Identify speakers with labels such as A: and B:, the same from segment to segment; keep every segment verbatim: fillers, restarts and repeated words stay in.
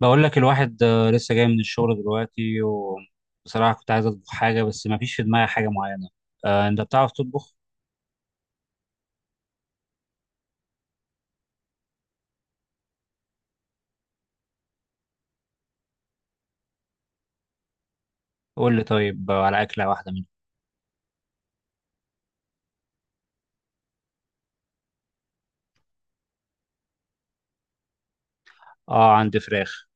A: بقول لك الواحد آه، لسه جاي من الشغل دلوقتي، وبصراحة كنت عايز أطبخ حاجة بس ما فيش في دماغي حاجة معينة. آه، أنت بتعرف تطبخ؟ قول لي طيب آه، على أكلة واحدة منها. آه، عندي فراخ.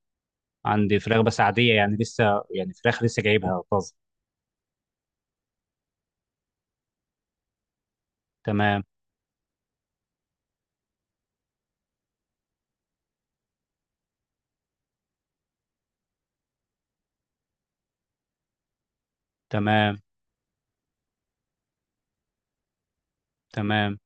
A: عندي فراخ بس عادية يعني لسه. يعني فراخ لسه جايبها طازة. تمام. تمام. تمام.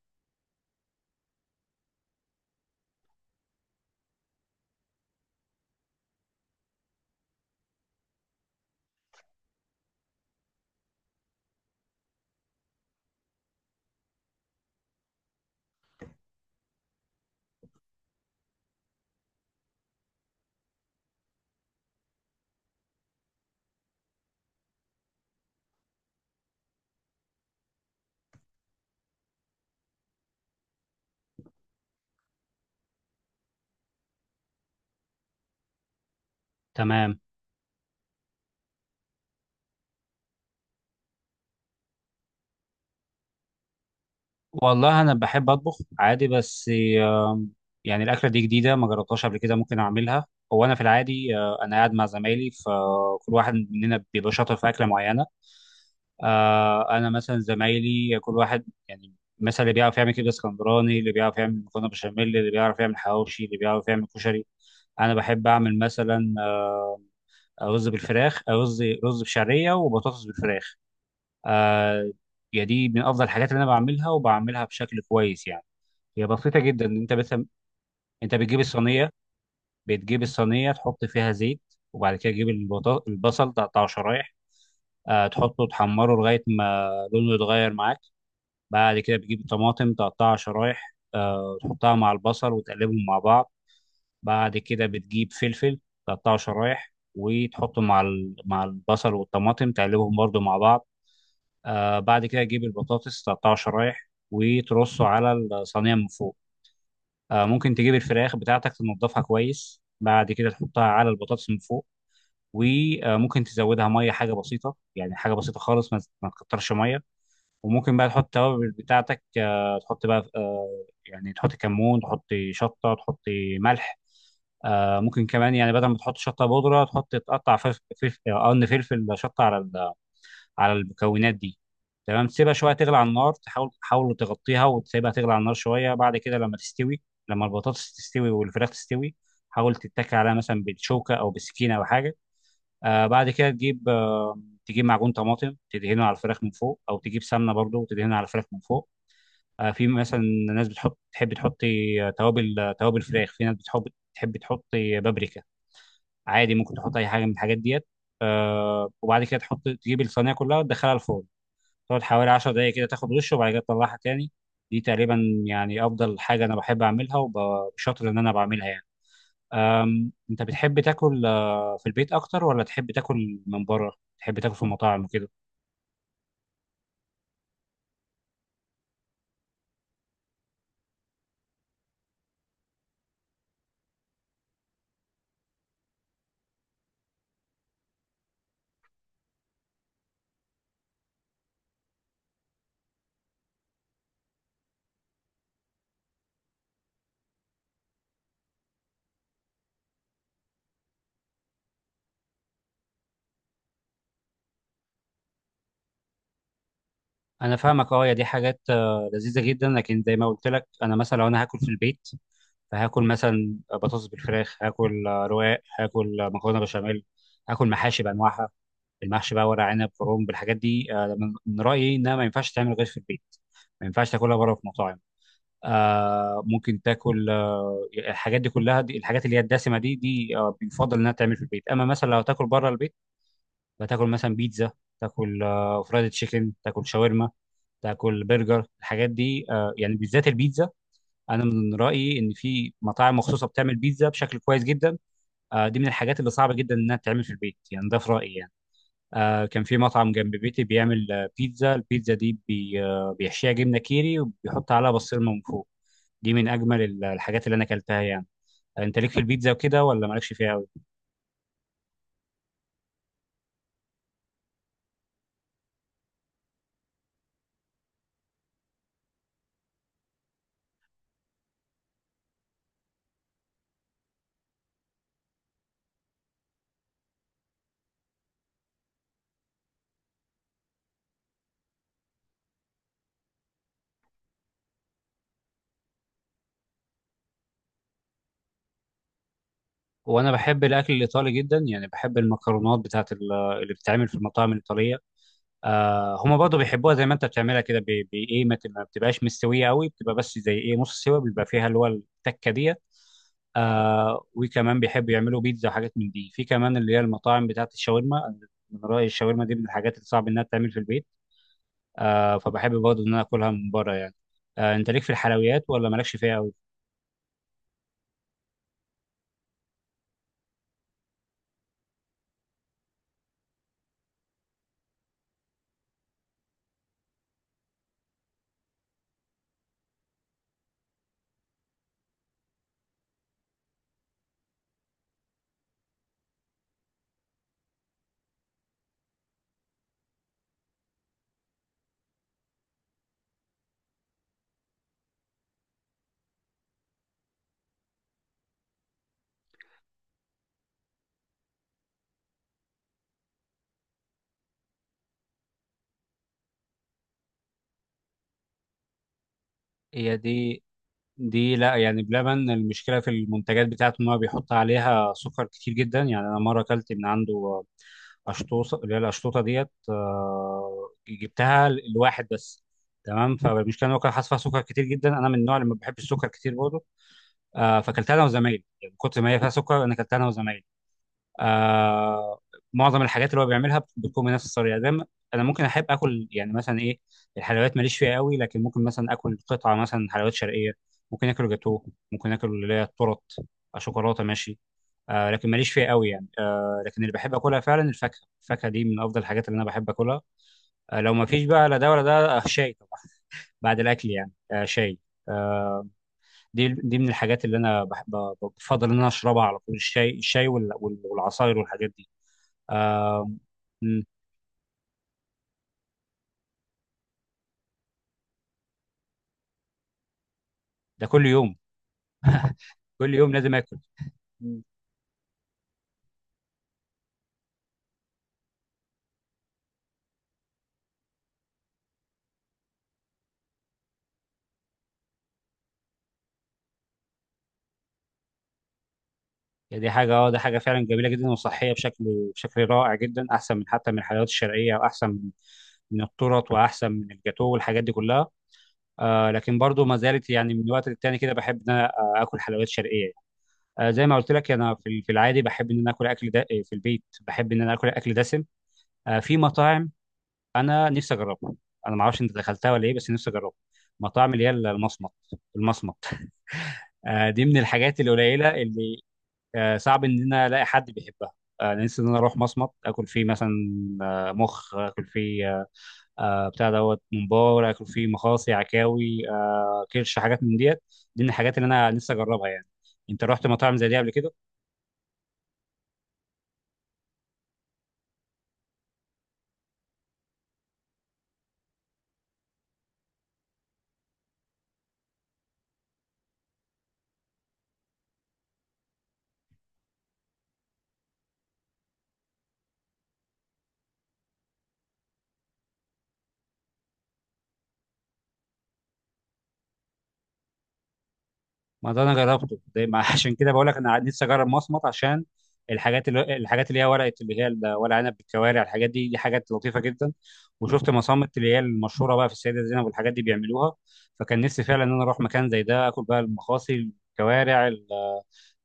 A: تمام. والله أنا بحب أطبخ عادي، بس آه، يعني الأكلة دي جديدة، ما جربتهاش قبل كده، ممكن أعملها. هو أنا في العادي، آه، أنا قاعد مع زمايلي فكل واحد مننا بيبقى شاطر في أكلة معينة. آه انا مثلا زمايلي كل واحد يعني، مثلا اللي بيعرف يعمل كبده اسكندراني، اللي بيعرف يعمل مكرونه بشاميل، اللي بيعرف يعمل حواوشي، اللي بيعرف يعمل كشري. انا بحب اعمل مثلا آه، رز بالفراخ، آه، رز رز بشعريه وبطاطس بالفراخ. آه يعني دي من افضل الحاجات اللي انا بعملها وبعملها بشكل كويس يعني. هي بسيطه جدا، انت مثلا انت بتجيب الصينيه بتجيب الصينيه تحط فيها زيت، وبعد كده تجيب البط- البصل تقطعه شرايح. آه تحطه تحمره لغايه ما لونه يتغير معاك. بعد كده بتجيب طماطم تقطعها شرايح، آه، تحطها مع البصل وتقلبهم مع بعض. بعد كده بتجيب فلفل تقطعه شرايح وتحطه مع ال- مع البصل والطماطم، تقلبهم برضو مع بعض. آه، بعد كده تجيب البطاطس تقطعه شرايح وترصه على الصينية من فوق. آه، ممكن تجيب الفراخ بتاعتك تنضفها كويس، بعد كده تحطها على البطاطس من فوق. وممكن تزودها ميه، حاجه بسيطه يعني، حاجه بسيطه خالص، ما ما تكترش ميه. وممكن بقى تحط التوابل بتاعتك، آه، تحط بقى آه، يعني تحطي كمون، تحطي شطه، تحطي ملح. آه ممكن كمان يعني بدل ما تحط شطه بودره تحط تقطع فلفل فلفل، آه، قرن فلفل شطه على ال- على المكونات دي. تمام، تسيبها شويه تغلي على النار، تحاول تحاول تغطيها وتسيبها تغلي على النار شويه، بعد كده لما تستوي، لما البطاطس تستوي والفراخ تستوي، حاول تتكي عليها مثلا بالشوكه او بالسكينه او حاجه. آه بعد كده تجيب آه، تجيب معجون طماطم تدهنه على الفراخ من فوق، او تجيب سمنه برضو وتدهنها على الفراخ من فوق. آه، في مثلا ناس بتحط تحب تحط آه، توابل آه، توابل فراخ، في ناس بتحب تحب تحط بابريكا. عادي، ممكن تحط اي حاجه من الحاجات ديت. آه وبعد كده تحط تجيب الصينيه كلها وتدخلها الفرن، تقعد حوالي عشر دقائق كده تاخد وش، وبعد كده تطلعها تاني. دي تقريبا يعني افضل حاجه انا بحب اعملها وبشاطر ان انا بعملها يعني. آم، انت بتحب تاكل آه، في البيت اكتر ولا تحب تاكل من بره؟ تحب تاكل في المطاعم وكده؟ انا فاهمك. اه، يا دي حاجات آه، لذيذه جدا، لكن زي ما قلت لك انا مثلا لو انا هاكل في البيت، فهاكل مثلا بطاطس بالفراخ، هاكل آه، رواق، هاكل آه، مكرونه بشاميل، هاكل محاشي بانواعها. المحشي بقى ورق عنب كرنب الحاجات دي، آه، من من رايي انها ما ينفعش تعمل غير في البيت، ما ينفعش تاكلها بره في مطاعم. آه ممكن تاكل آه الحاجات دي كلها، دي الحاجات اللي هي الدسمه، دي دي آه بيفضل انها تعمل في البيت. اما مثلا لو تاكل بره البيت فتاكل مثلا بيتزا، تاكل آه فرايد تشيكن، تاكل شاورما، تاكل برجر، الحاجات دي آه يعني بالذات البيتزا. انا من رايي ان في مطاعم مخصوصه بتعمل بيتزا بشكل كويس جدا. آه، دي من الحاجات اللي صعبه جدا انها تتعمل في البيت، يعني ده في رايي يعني. آه، كان في مطعم جنب بيتي بيعمل آه، بيتزا، البيتزا دي بي آه، بيحشيها جبنه كيري وبيحط عليها بسطرمه من فوق. دي من اجمل ال- الحاجات اللي انا اكلتها يعني. آه، انت ليك في البيتزا وكده ولا مالكش فيها قوي؟ وانا بحب الاكل الايطالي جدا، يعني بحب المكرونات بتاعت ال- اللي بتتعمل في المطاعم الايطاليه. آه هما برضه بيحبوها زي ما انت بتعملها كده، بي- بي- ايه، ما تبقى- ما بتبقاش مستويه قوي، بتبقى بس زي ايه نص سوا، بيبقى فيها اللي هو التكه دي. آه وكمان بيحبوا يعملوا بيتزا وحاجات من دي، في كمان اللي هي المطاعم بتاعت الشاورما. أنا من رايي الشاورما دي من الحاجات اللي صعب انها تتعمل في البيت، آه فبحب برضه ان انا اكلها من بره يعني. آه انت ليك في الحلويات ولا مالكش فيها قوي؟ هي دي، دي لا، يعني بلبن المشكله في المنتجات بتاعته ان هو بيحط عليها سكر كتير جدا، يعني انا مره اكلت من عنده آه، اشطوطه، اللي هي الاشطوطه ديت، آه، جبتها لواحد بس. تمام، فالمشكله ان هو كان حاطط فيها سكر كتير جدا، انا من النوع اللي ما بحبش السكر كتير برضه. آه، فاكلتها انا وزمايلي، يعني كنت ما هي فيها سكر، انا اكلتها انا وزمايلي. آه معظم الحاجات اللي هو بيعملها بتكون بنفس الطريقه زي ما- انا ممكن احب اكل يعني مثلا ايه. الحلويات ماليش فيها قوي، لكن ممكن مثلا اكل قطعه مثلا حلويات شرقيه، ممكن اكل جاتوه، ممكن اكل اللي هي التورت، آه، شوكولاته ماشي. آه لكن ماليش فيها قوي يعني، آه لكن اللي بحب اكلها فعلا الفاكهه. الفاكهه دي من افضل الحاجات اللي انا بحب اكلها. آه لو ما فيش بقى لا ده ولا ده، آه، شاي طبعا، بعد الاكل يعني. آه شاي. آه، دي دي من الحاجات اللي انا بحب بفضل ان انا اشربها على طول، الشاي، الشاي وال- وال- والعصاير والحاجات دي. آم، مم، ده كل يوم. كل يوم لازم اكل. مم. يعني دي حاجه، اه ده حاجه فعلا جميله جدا، وصحيه بشكل بشكل رائع جدا، احسن من حتى من الحلويات الشرقيه، واحسن من من التورت، واحسن من الجاتو والحاجات دي كلها. آه لكن برضو ما زالت يعني من وقت للتاني كده بحب ان انا آه، اكل حلويات شرقيه. آه زي ما قلت لك انا في ال- في العادي بحب ان انا اكل اكل دا في البيت، بحب ان انا اكل اكل دسم. آه في مطاعم انا نفسي اجربها، انا ما اعرفش انت دخلتها ولا ايه بس نفسي اجربها، مطاعم اللي هي المصمت. المصمت، آه، دي من الحاجات القليله اللي آه، صعب ان انا الاقي حد بيحبها. آه، انا نفسي ان انا اروح مصمت اكل فيه، مثلا آه، مخ، اكل فيه آه، آه، بتاع دوت ممبار، اكل فيه مخاصي عكاوي آه، كرش، حاجات من ديت. دي من الحاجات اللي انا نفسي اجربها يعني. انت رحت مطاعم زي دي قبل كده؟ ما ده انا جربته، ده ما عشان كده بقول لك انا نفسي اجرب مصمت، عشان الحاجات اللي الحاجات اللي هي ورقه، اللي هي ال- ورق عنب بالكوارع، الحاجات دي دي حاجات لطيفه جدا. وشفت مصامت اللي هي المشهوره بقى في السيده زينب والحاجات دي بيعملوها، فكان نفسي فعلا ان انا اروح مكان زي ده اكل بقى المخاصي، الكوارع، ال-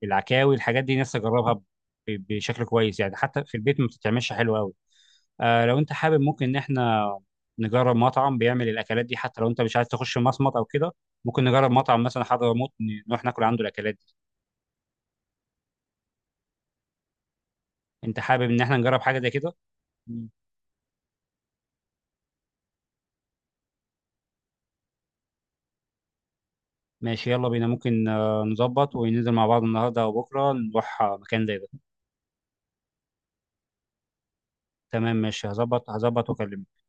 A: العكاوي، الحاجات دي نفسي اجربها ب- بشكل كويس، يعني حتى في البيت ما بتتعملش حلو قوي. آه لو انت حابب ممكن ان احنا نجرب مطعم بيعمل الاكلات دي، حتى لو انت مش عايز تخش مصمت او كده. ممكن نجرب مطعم مثلا حضرموت، ن- نروح ناكل عنده الاكلات دي. انت حابب ان احنا نجرب حاجه زي كده؟ مم. ماشي يلا بينا، ممكن آه، نظبط وننزل مع بعض النهارده او بكره نروح آه، مكان زي ده. تمام ماشي، هظبط هظبط واكلمك.